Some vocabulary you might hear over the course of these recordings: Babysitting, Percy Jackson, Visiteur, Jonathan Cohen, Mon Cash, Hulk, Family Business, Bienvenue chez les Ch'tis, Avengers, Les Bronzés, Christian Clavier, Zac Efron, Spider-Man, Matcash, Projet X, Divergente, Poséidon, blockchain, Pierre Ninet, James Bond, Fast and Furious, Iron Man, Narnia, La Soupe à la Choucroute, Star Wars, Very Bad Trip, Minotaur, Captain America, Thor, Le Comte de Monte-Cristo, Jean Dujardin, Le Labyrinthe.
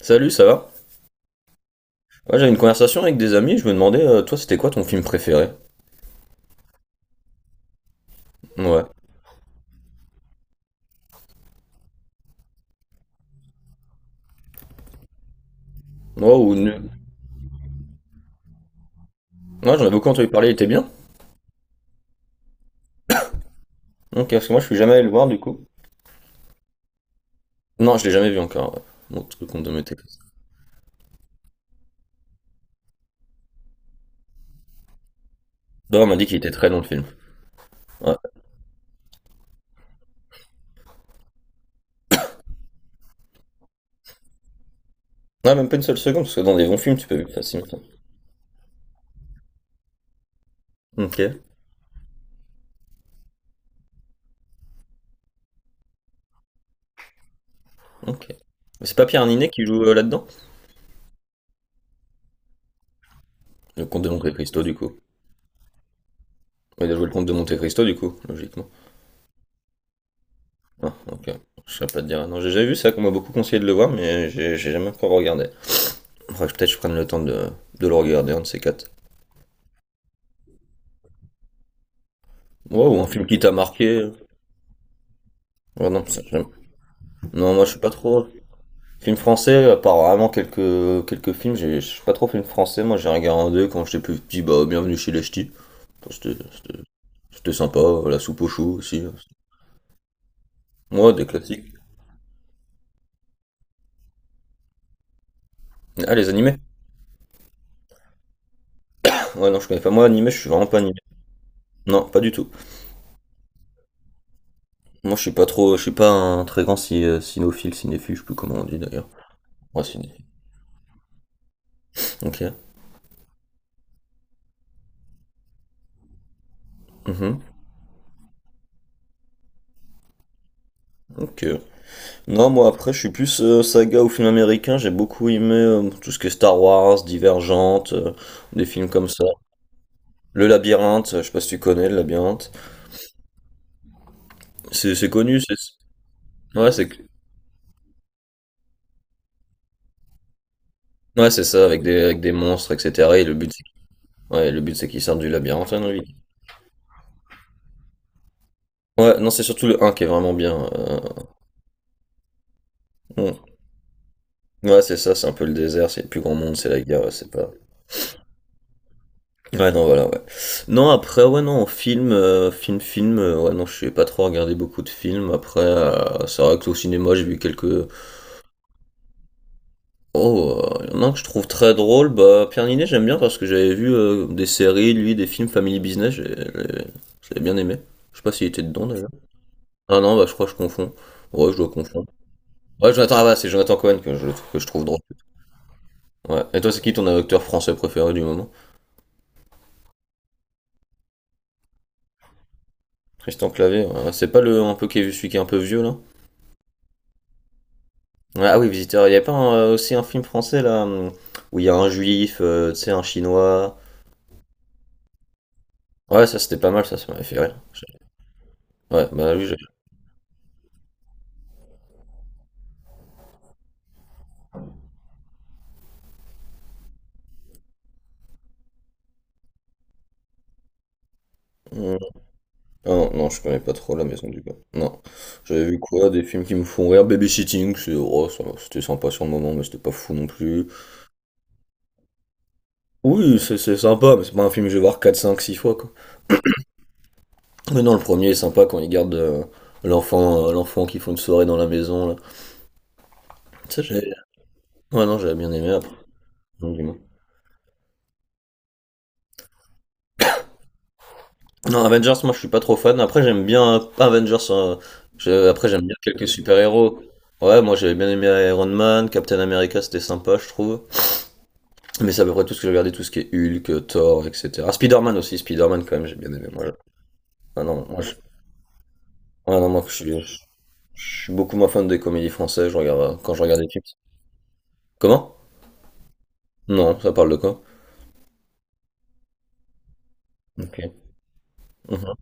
Salut, ça va? Ouais, j'avais une conversation avec des amis, je me demandais, toi, c'était quoi ton film préféré? Ouais. Moi, ou... ne- Ouais, j'en ai beaucoup entendu parler, il était bien? Ok, parce que moi, je suis jamais allé le voir, du coup. Non, je l'ai jamais vu encore, ouais. Mon truc qu'on me mettait, comme ça. Non, on m'a dit qu'il était très long, le film. Ouais. Ouais, même pas une seule seconde, parce que dans des bons films, tu peux vivre facilement. Ok, ok. Mais c'est pas Pierre Ninet qui joue là-dedans? Le Comte de Monte-Cristo, du coup. Ouais, il a joué le Comte de Monte-Cristo, du coup, logiquement. Ah, ok. Je sais pas te dire. Non, j'ai déjà vu ça, qu'on m'a beaucoup conseillé de le voir, mais j'ai jamais encore regardé. Faudrait peut-être que je prenne le temps de le regarder, un de ces quatre. Ouais, ou un film qui t'a marqué. Ouais, non, ça, j'aime. Non, moi je suis pas trop. Film français, à part vraiment quelques films, je suis pas trop film français. Moi j'ai regardé quand j'étais plus petit, bah bienvenue chez les ch'tis. Bon, c'était sympa, la soupe au chou aussi. Moi, des classiques. Ah, les animés? Ouais, non, je connais pas. Moi, animé, je suis vraiment pas animé. Non, pas du tout. Moi, je suis pas trop, je suis pas un très grand cinéphile, je sais plus comment on dit d'ailleurs. Ouais, ciné. Ok. Mhm. Ok. Non, moi après, je suis plus saga ou film américain. J'ai beaucoup aimé tout ce qui est Star Wars, Divergente, des films comme ça. Le Labyrinthe, je sais pas si tu connais le Labyrinthe. C'est connu, c'est. Ouais, c'est ça, avec des monstres, etc. Et le but, c'est qu'ils sortent du labyrinthe, hein, dans lui. Ouais, non, c'est surtout le un qui est vraiment bien, bon. Ouais, c'est ça, c'est un peu le désert, c'est le plus grand monde, c'est la guerre, ouais, c'est pas. Ouais, non, voilà, ouais. Non, après, ouais, non, en film, ouais, non, je sais pas trop regarder beaucoup de films. Après, c'est vrai que au cinéma, j'ai vu quelques. Oh, il y en a un que je trouve très drôle. Bah, Pierre Ninet, j'aime bien parce que j'avais vu des séries, lui, des films Family Business, j'avais bien aimé. Je sais pas s'il était dedans d'ailleurs. Ah non, bah, je crois que je confonds. Ouais, je dois confondre. Ouais, Jonathan, ah, bah, c'est Jonathan Cohen que je trouve drôle. Ouais. Et toi, c'est qui ton acteur français préféré du moment? Christian Clavier, ouais. C'est pas le un peu qui est, celui qui est un peu vieux là? Ouais, ah oui, Visiteur. Il n'y a pas aussi un film français là où il y a un juif, tu sais, un chinois. Ouais, ça c'était pas mal, ça m'avait fait rire. Ouais, bah oui, j'ai. Hmm. Ah non, non, je connais pas trop La Maison du Gars. Non. J'avais vu quoi? Des films qui me font rire. Babysitting, c'est... oh, ça va, c'était sympa sur le moment, mais c'était pas fou non plus. Oui, c'est sympa, mais c'est pas un film que je vais voir 4 5 6 fois, quoi. Mais non, le premier est sympa quand il garde l'enfant qui font une soirée dans la maison, là. Ça, j'ai... Ouais, non, j'avais bien aimé après. Non, dis-moi. Non, Avengers, moi je suis pas trop fan. Après, j'aime bien, pas Avengers, hein. Après, j'aime bien quelques super-héros. Ouais, moi j'avais bien aimé Iron Man, Captain America, c'était sympa, je trouve. Mais c'est à peu près tout ce que j'ai regardé, tout ce qui est Hulk, Thor, etc. Ah, Spider-Man aussi, Spider-Man quand même, j'ai bien aimé. Ah non, moi je, ah non, moi, je suis beaucoup moins fan des comédies françaises, je regarde... quand je regarde des films. Comment? Non, ça parle de quoi? Ok. Mhm.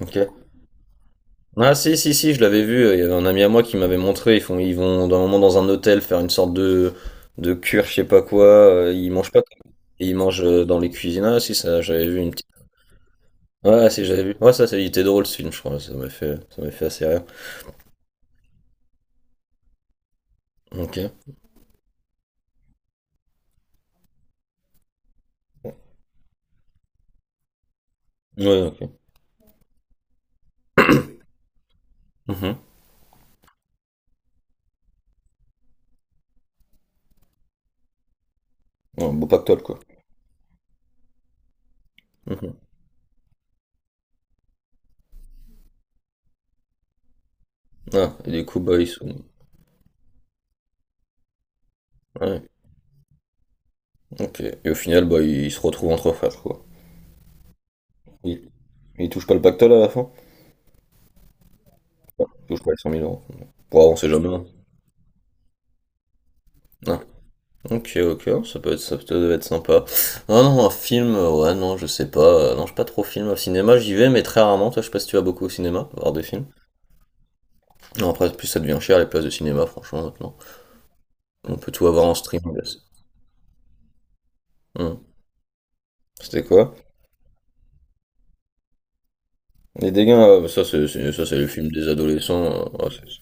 Ok. Ah si si si, je l'avais vu, il y avait un ami à moi qui m'avait montré, ils vont d'un moment dans un hôtel faire une sorte de cure, je sais pas quoi, ils mangent pas ils mangent dans les cuisines. Ah si ça, j'avais vu une petite. Ouais, si j'avais vu. Ouais, ça il était drôle ce film, je crois, ça m'a fait assez rire. OK. Ouais, OK. Mhm. Ouais, beau pactole quoi. Mhm. Ah, et du coup bah ils sont. Ouais. OK. Et au final bah ils se retrouvent entre frères quoi. Ils, ils touchent pas le pactole à la fin? Ils touchent pas les 100 000 euros. Bon, on sait jamais, hein. Ah. Ok, ok, ça peut être sympa. Non, non, un film, ouais, non, je sais pas. Non, je suis pas trop film au cinéma, j'y vais, mais très rarement. Toi, je sais pas si tu vas beaucoup au cinéma, voir des films. Non, après, en plus ça devient cher les places de cinéma, franchement, maintenant. On peut tout avoir en streaming là. Hmm. C'était quoi? Les dégâts, bah, ça, ça, c'est le film des adolescents, ouais, c'est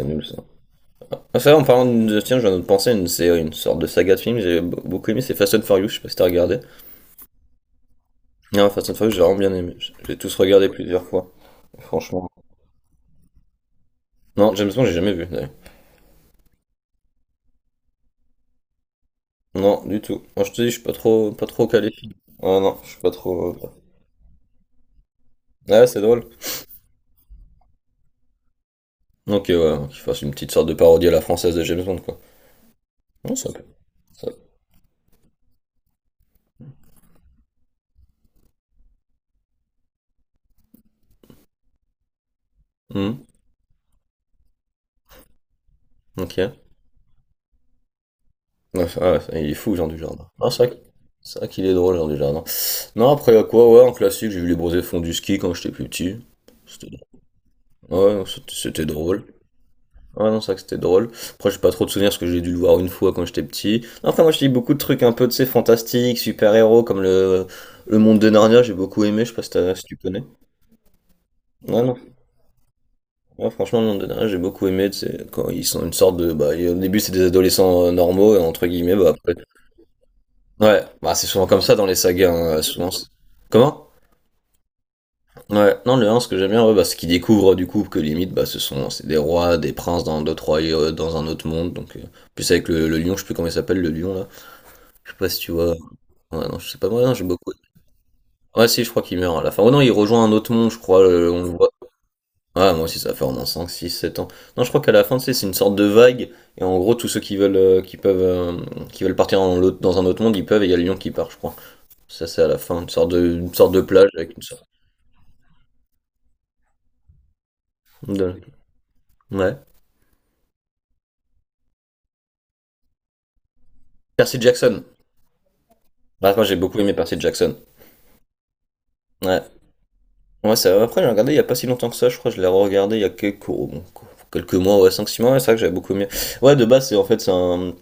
c'est nul, ça. Ah, ça, en parlant de. Tiens, je viens de penser à une série, une sorte de saga de films, beaucoup aimé, c'est Fast and Furious, je sais pas si t'as regardé. Non, Fast and Furious, j'ai vraiment bien aimé. J'ai tous regardé plusieurs fois. Franchement. Non, James Bond, j'ai jamais vu, d'ailleurs. Non, du tout. Moi, je te dis, je suis pas trop, pas trop calé. Ah non, je suis pas trop. Ouais, c'est drôle. Ok, ouais, qu'il fasse une petite sorte de parodie à la française de James Bond, quoi. Non, ça peut. Ça... Hmm, ok. Ouais, ah ouais, il est fou, Jean Dujardin. Ah, c'est vrai qu'il est drôle, Jean Dujardin. Non, après, à quoi, ouais, en classique, j'ai vu les bronzés fonds du ski quand j'étais plus petit. C'était drôle. Ouais, non, c'était drôle. Ah non, c'est vrai que c'était drôle. Après, j'ai pas trop de souvenirs parce que j'ai dû le voir une fois quand j'étais petit. Enfin, moi, je lis beaucoup de trucs un peu, tu sais, fantastiques, super-héros, comme le monde de Narnia, j'ai beaucoup aimé, je sais pas si, si tu connais. Ouais, non. Ouais, franchement, le monde de Narnia, j'ai beaucoup aimé, tu sais, quand ils sont une sorte de... Bah, au début, c'est des adolescents normaux, et entre guillemets, bah après... Ouais, bah c'est souvent comme ça dans les sagas, hein, souvent... Comment? Ouais, non, le 1, ce que j'aime bien, ouais, bah, c'est qu'ils découvrent du coup que limite, bah, ce sont c'est des rois, des princes dans d'autres royaumes, dans un autre monde. Donc, plus avec le lion, je sais plus comment il s'appelle, le lion là. Je sais pas si tu vois. Ouais, non, je sais pas, moi, non, j'ai beaucoup. Ouais, si, je crois qu'il meurt à la fin. Oh non, il rejoint un autre monde, je crois, on le voit. Ouais, moi aussi, ça fait vraiment 5, 6, 7 ans. Non, je crois qu'à la fin, tu sais, c'est une sorte de vague, et en gros, tous ceux qui veulent, qui peuvent, qui veulent partir dans dans un autre monde, ils peuvent, et il y a le lion qui part, je crois. Ça, c'est à la fin, une sorte de plage avec une sorte de... Ouais. Percy Jackson. Bah, moi, j'ai beaucoup aimé Percy Jackson. Ouais. Ouais, ça, après, j'ai regardé il y a pas si longtemps que ça, je crois, que je l'ai regardé il y a quelques, oh, bon, quelques mois, ouais, cinq six mois, ouais, c'est vrai que j'avais beaucoup aimé. Ouais, de base, c'est en fait, c'est un.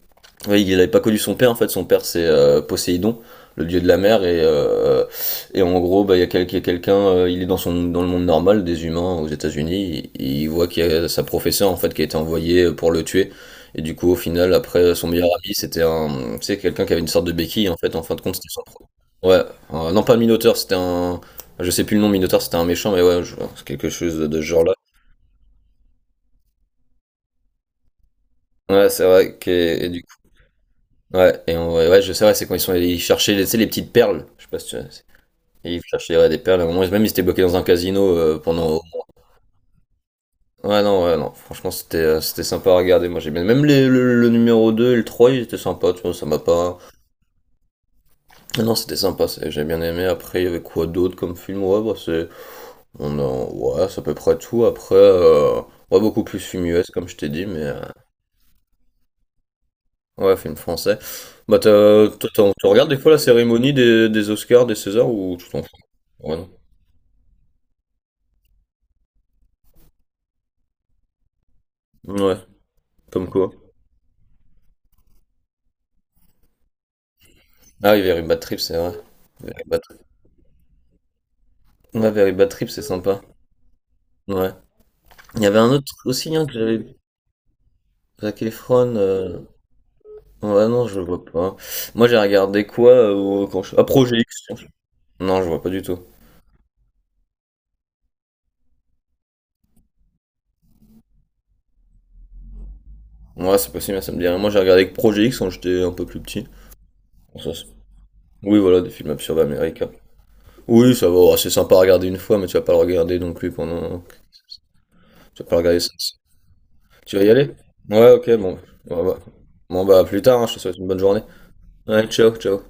Oui, il n'avait pas connu son père en fait. Son père c'est Poséidon, le dieu de la mer et en gros bah il y a quelqu'un, il est dans le monde normal des humains aux États-Unis. Il voit qu'il y a sa professeure en fait qui a été envoyée pour le tuer. Et du coup au final après son meilleur ami c'était un tu sais quelqu'un qui avait une sorte de béquille en fait. En fin de compte c'était son pro. Ouais non pas Minotaur c'était un je sais plus le nom Minotaur c'était un méchant mais ouais c'est quelque chose de ce genre là. Ouais c'est vrai que. Ouais, et ouais, ouais, je sais, ouais, c'est quand ils sont allés chercher les, tu sais, les petites perles. Je sais pas si tu. Et ils cherchaient ouais, des perles. À un moment, même ils étaient bloqués dans un casino pendant. Ouais, non, ouais, non. Franchement, c'était sympa à regarder. Moi, j'ai bien. Même le numéro 2 et le 3 ils étaient sympas, tu vois, ça m'a pas. Ah non, c'était sympa, j'ai bien aimé. Après, il y avait quoi d'autre comme film? Ouais, bah, c'est. On a... Ouais, c'est à peu près tout. Après, ouais, beaucoup plus film US, comme je t'ai dit, mais. Ouais, film français. Bah, toi, tu regardes des fois la cérémonie des Oscars, des Césars, ou tu t'en fous? Ouais. Ouais, comme quoi. Ah oui, Very Bad Trip, c'est vrai. Very Bad, ouais, Very Bad Trip, c'est sympa. Ouais. Il y avait un autre aussi, hein, que j'avais... Zac Efron. Ouais, non, je vois pas. Moi, j'ai regardé quoi quand je... Ah, Projet X. Non, je vois pas du tout. Ouais, c'est possible, ça me dit rien. Moi, j'ai regardé que Projet X quand j'étais un peu plus petit. Bon, ça, oui, voilà, des films absurdes américains. Oui, ça va, oh, c'est sympa à regarder une fois, mais tu vas pas le regarder non plus pendant... Tu vas pas le regarder ça. Tu vas y aller? Ouais, ok, bon. Bon, bah, à plus tard, hein, je te souhaite une bonne journée. Ouais, ciao, ciao.